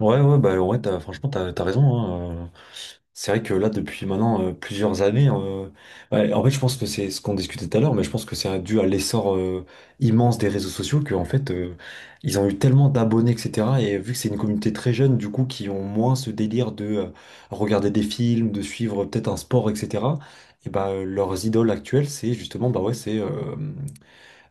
Ouais, ouais, bah ouais, t'as, franchement, t'as raison, hein. C'est vrai que là, depuis maintenant plusieurs années, hein, ouais, en fait, je pense que c'est ce qu'on discutait tout à l'heure, mais je pense que c'est dû à l'essor immense des réseaux sociaux que, en fait, ils ont eu tellement d'abonnés, etc. Et vu que c'est une communauté très jeune, du coup, qui ont moins ce délire de regarder des films, de suivre peut-être un sport, etc. Et bah, leurs idoles actuelles, c'est justement, bah ouais, c'est euh,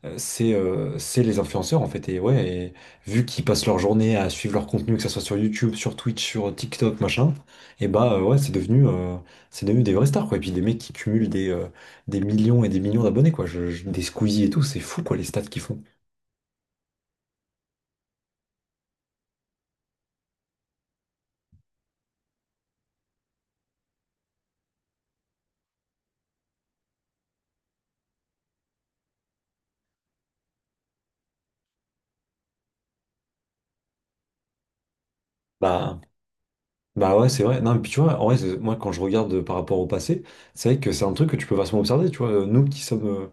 euh, C'est euh, c'est les influenceurs en fait. Et ouais, vu qu'ils passent leur journée à suivre leur contenu, que ce soit sur YouTube, sur Twitch, sur TikTok, machin, et bah ouais, c'est devenu des vraies stars quoi. Et puis des mecs qui cumulent des millions et des millions d'abonnés quoi. Des Squeezie et tout, c'est fou quoi les stats qu'ils font. Bah, bah ouais, c'est vrai. Non, mais puis tu vois, en vrai, moi quand je regarde par rapport au passé, c'est vrai que c'est un truc que tu peux facilement observer. Tu vois, nous qui sommes,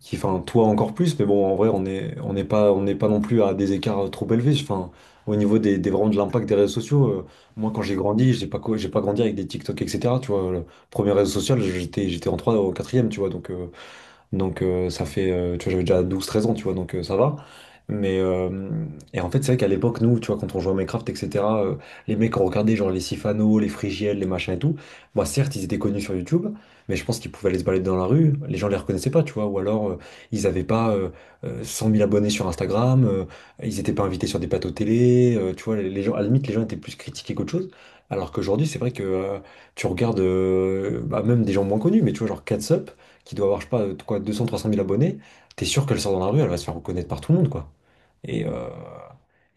qui, enfin, toi encore plus, mais bon, en vrai, on est, on n'est pas non plus à des écarts trop élevés. Enfin, au niveau des, vraiment de l'impact des réseaux sociaux, moi, quand j'ai grandi, j'ai pas grandi avec des TikTok, etc. Tu vois, le premier réseau social, j'étais en 3e au quatrième, tu vois, donc ça fait, tu vois, j'avais déjà 12 13 ans, tu vois, donc ça va. Mais et en fait, c'est vrai qu'à l'époque, nous, tu vois, quand on jouait à Minecraft, etc., les mecs ont regardé genre les Sifano, les Frigiel, les machins et tout. Bah, certes, ils étaient connus sur YouTube, mais je pense qu'ils pouvaient aller se balader dans la rue, les gens les reconnaissaient pas, tu vois, ou alors ils avaient pas 100 000 abonnés sur Instagram, ils étaient pas invités sur des plateaux télé, tu vois, les gens, à la limite, les gens étaient plus critiqués qu'autre chose. Alors qu'aujourd'hui, c'est vrai que tu regardes bah, même des gens moins connus, mais tu vois, genre Catsup qui doit avoir, je sais pas, quoi, 200, 300 000 abonnés, t'es sûr qu'elle sort dans la rue, elle va se faire reconnaître par tout le monde, quoi. Et, euh,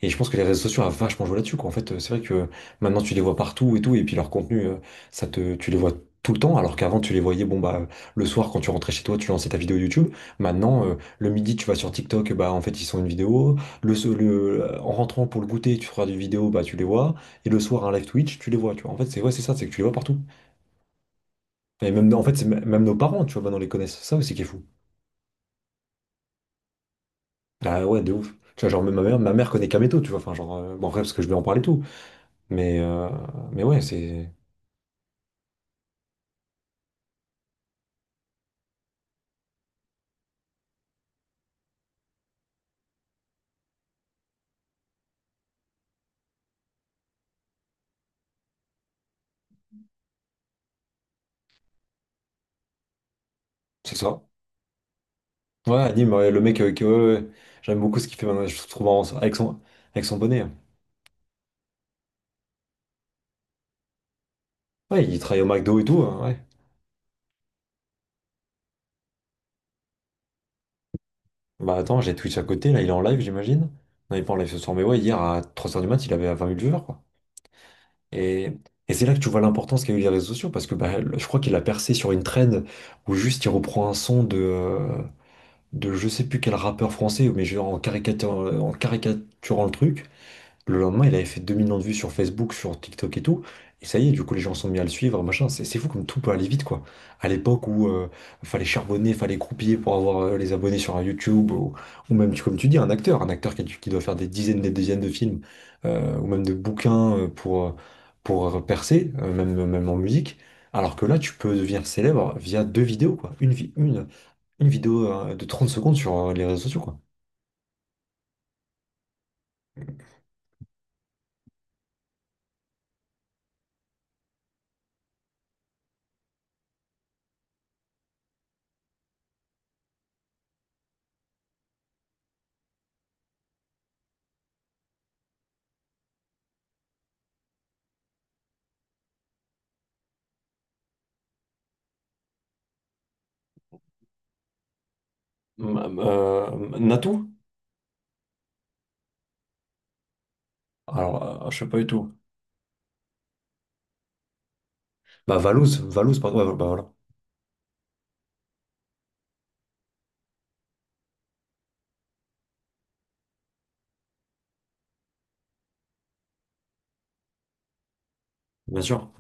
et je pense que les réseaux sociaux a vachement joué là-dessus, quoi. En fait, c'est vrai que maintenant tu les vois partout et tout, et puis leur contenu, tu les vois tout le temps, alors qu'avant tu les voyais, bon bah, le soir quand tu rentrais chez toi, tu lançais ta vidéo YouTube. Maintenant, le midi, tu vas sur TikTok, bah en fait ils sont une vidéo. En rentrant pour le goûter, tu feras des vidéos, bah tu les vois. Et le soir, un live Twitch, tu les vois, tu vois. En fait, c'est ouais, c'est ça, c'est que tu les vois partout. Et même, en fait, même nos parents, tu vois, maintenant les connaissent. Ça, c'est qui est fou. Ah ouais, de ouf. Tu vois, genre, même ma mère connaît Kameto, tu vois. Enfin, genre, bon, après, parce que je vais en parler et tout. Mais, euh, mais ouais, c'est ça. Ouais, anime, ouais, le mec, ouais, ouais, ouais. J'aime beaucoup ce qu'il fait maintenant, je trouve marrant, ça, avec son bonnet. Ouais, il travaille au McDo et tout, hein, ouais. Bah attends, j'ai Twitch à côté, là, il est en live, j'imagine. Non, il est pas en live ce soir, mais ouais, hier à 3 heures du mat, il avait 20 000 viewers, quoi. Et, et c'est là que tu vois l'importance qu'a eu les réseaux sociaux, parce que bah, je crois qu'il a percé sur une trend où juste il reprend un son de je sais plus quel rappeur français, mais genre en caricaturant le truc. Le lendemain, il avait fait 2 millions de vues sur Facebook, sur TikTok et tout. Et ça y est, du coup, les gens sont mis à le suivre, machin. C'est fou comme tout peut aller vite, quoi. À l'époque où fallait charbonner, fallait croupiller pour avoir les abonnés sur un YouTube, ou même, comme tu dis, un acteur qui, qui doit faire des dizaines de films, ou même de bouquins pour percer, même, même en musique. Alors que là, tu peux devenir célèbre via deux vidéos, quoi. Une, vi- une vidéo de 30 secondes sur les réseaux sociaux, quoi. Natou? Alors, je sais pas du tout. Bah, Valouz, Valouz, pardon, ouais, bah voilà, bien sûr.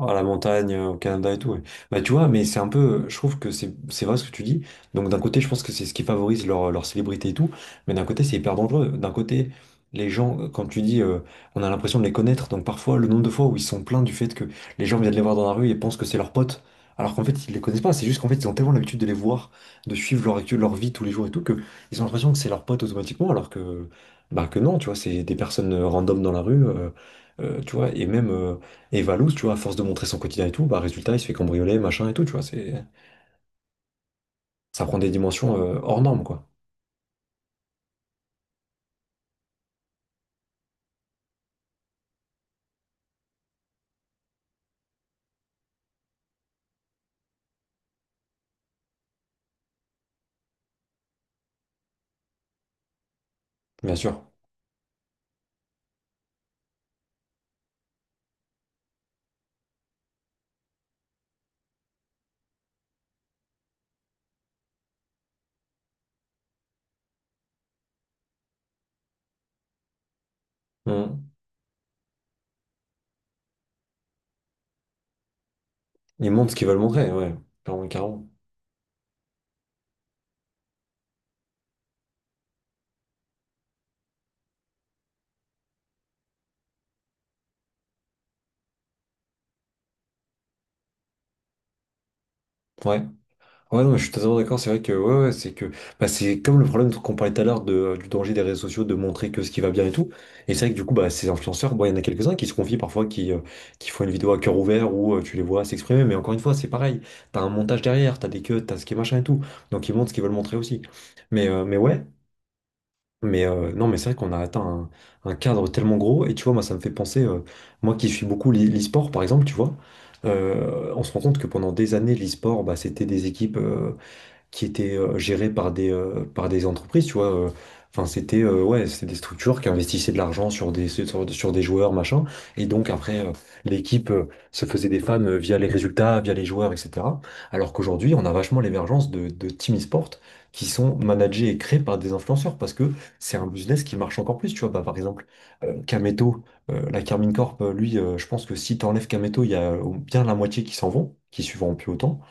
À la montagne, au Canada et tout. Ouais. Bah tu vois, mais c'est un peu, je trouve que c'est vrai ce que tu dis. Donc d'un côté, je pense que c'est ce qui favorise leur célébrité et tout, mais d'un côté, c'est hyper dangereux. D'un côté, les gens, quand tu dis, on a l'impression de les connaître, donc parfois, le nombre de fois où ils sont plaints du fait que les gens viennent les voir dans la rue et pensent que c'est leurs potes, alors qu'en fait, ils les connaissent pas. C'est juste qu'en fait, ils ont tellement l'habitude de les voir, de suivre leur vie tous les jours et tout, que ils ont l'impression que c'est leurs potes automatiquement, alors que, bah, que non, tu vois, c'est des personnes random dans la rue. Tu vois, et même et Valouz, tu vois, à force de montrer son quotidien et tout, bah résultat, il se fait cambrioler, machin et tout, tu vois. C'est... Ça prend des dimensions hors normes, quoi. Bien sûr. Mhm. Ils montrent ce qu'ils veulent montrer, ouais. Carrément, carrément. Ouais. Ouais, non, mais je suis totalement d'accord, c'est vrai que, ouais, ouais, c'est que, bah, c'est comme le problème qu'on parlait tout à l'heure de, du danger des réseaux sociaux, de montrer que ce qui va bien et tout. Et c'est vrai que du coup, bah, ces influenceurs, bon, il y en a quelques-uns qui se confient parfois, qui font une vidéo à cœur ouvert où tu les vois s'exprimer, mais encore une fois, c'est pareil. T'as un montage derrière, t'as des queues, t'as ce qui est machin et tout. Donc ils montrent ce qu'ils veulent montrer aussi. Mais ouais. Mais non, mais c'est vrai qu'on a atteint un cadre tellement gros. Et tu vois, moi, ça me fait penser, moi qui suis beaucoup l'e-sport, par exemple, tu vois, on se rend compte que pendant des années, l'e-sport, bah, c'était des équipes, qui étaient gérées par des entreprises, tu vois. Enfin, c'était ouais, c'était des structures qui investissaient de l'argent sur des joueurs, machin. Et donc, après, l'équipe se faisait des fans via les résultats, via les joueurs, etc. Alors qu'aujourd'hui, on a vachement l'émergence de team e-sport qui sont managés et créés par des influenceurs parce que c'est un business qui marche encore plus, tu vois. Bah, par exemple, Kameto, la Carmine Corp, lui, je pense que si t'enlèves Kameto, il y a bien la moitié qui s'en vont, qui suivront plus autant.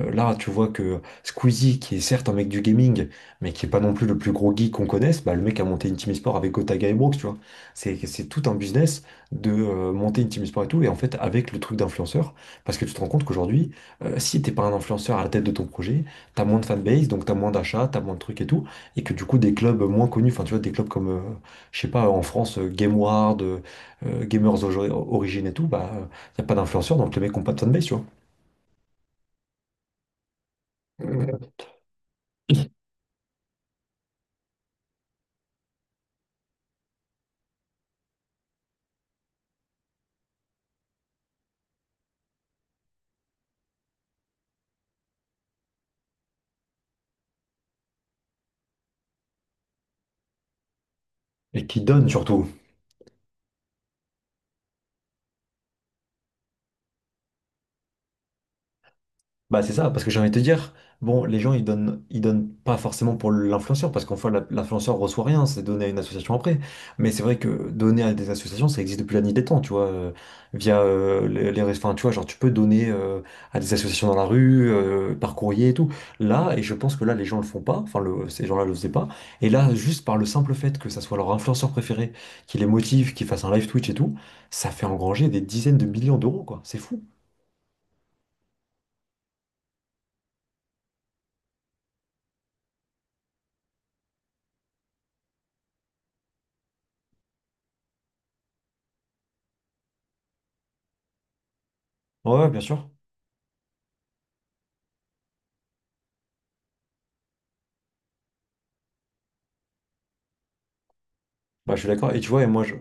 Là, tu vois que Squeezie, qui est certes un mec du gaming, mais qui est pas non plus le plus gros geek qu'on connaisse, bah, le mec a monté une team e-sport avec Gotaga et Brooks, tu vois. C'est tout un business de monter une team e-sport et tout, et en fait, avec le truc d'influenceur, parce que tu te rends compte qu'aujourd'hui, si t'es pas un influenceur à la tête de ton projet, t'as moins de fanbase, donc t'as moins d'achats, t'as moins de trucs et tout, et que du coup, des clubs moins connus, enfin, tu vois, des clubs comme, je sais pas, en France, GameWard, Gamers Origin et tout, bah, y a pas d'influenceurs, donc les mecs ont pas de fanbase, tu vois. Et qui donne surtout. Bah c'est ça, parce que j'ai envie de te dire, bon, les gens ils donnent pas forcément pour l'influenceur, parce qu'en fait l'influenceur reçoit rien, c'est donné à une association après. Mais c'est vrai que donner à des associations, ça existe depuis la nuit des temps, tu vois, via les, enfin, tu vois, genre tu peux donner à des associations dans la rue, par courrier et tout. Là, et je pense que là les gens le font pas, enfin le, ces gens-là le faisaient pas. Et là, juste par le simple fait que ça soit leur influenceur préféré, qui les motive, qui fasse un live Twitch et tout, ça fait engranger des dizaines de millions d'euros, quoi. C'est fou. Ouais, ouais, bien sûr. Bah, je suis d'accord. Et tu vois, et moi, je...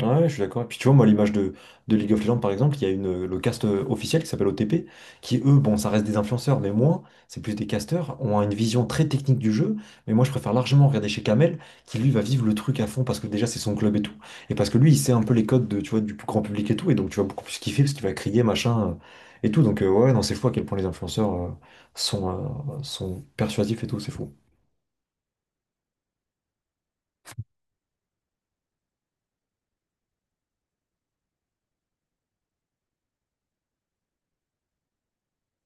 Ouais, je suis d'accord. Et puis, tu vois, moi, l'image de, League of Legends, par exemple, il y a une, le cast officiel qui s'appelle OTP, qui, eux, bon, ça reste des influenceurs, mais moins, c'est plus des casteurs, ont une vision très technique du jeu. Mais moi, je préfère largement regarder chez Kamel, qui, lui, va vivre le truc à fond, parce que déjà, c'est son club et tout. Et parce que lui, il sait un peu les codes de, tu vois, du plus grand public et tout. Et donc, tu vas beaucoup plus kiffer, parce qu'il va crier, machin, et tout. Donc, ouais, non, c'est fou à quel point les influenceurs sont, sont persuasifs et tout, c'est fou.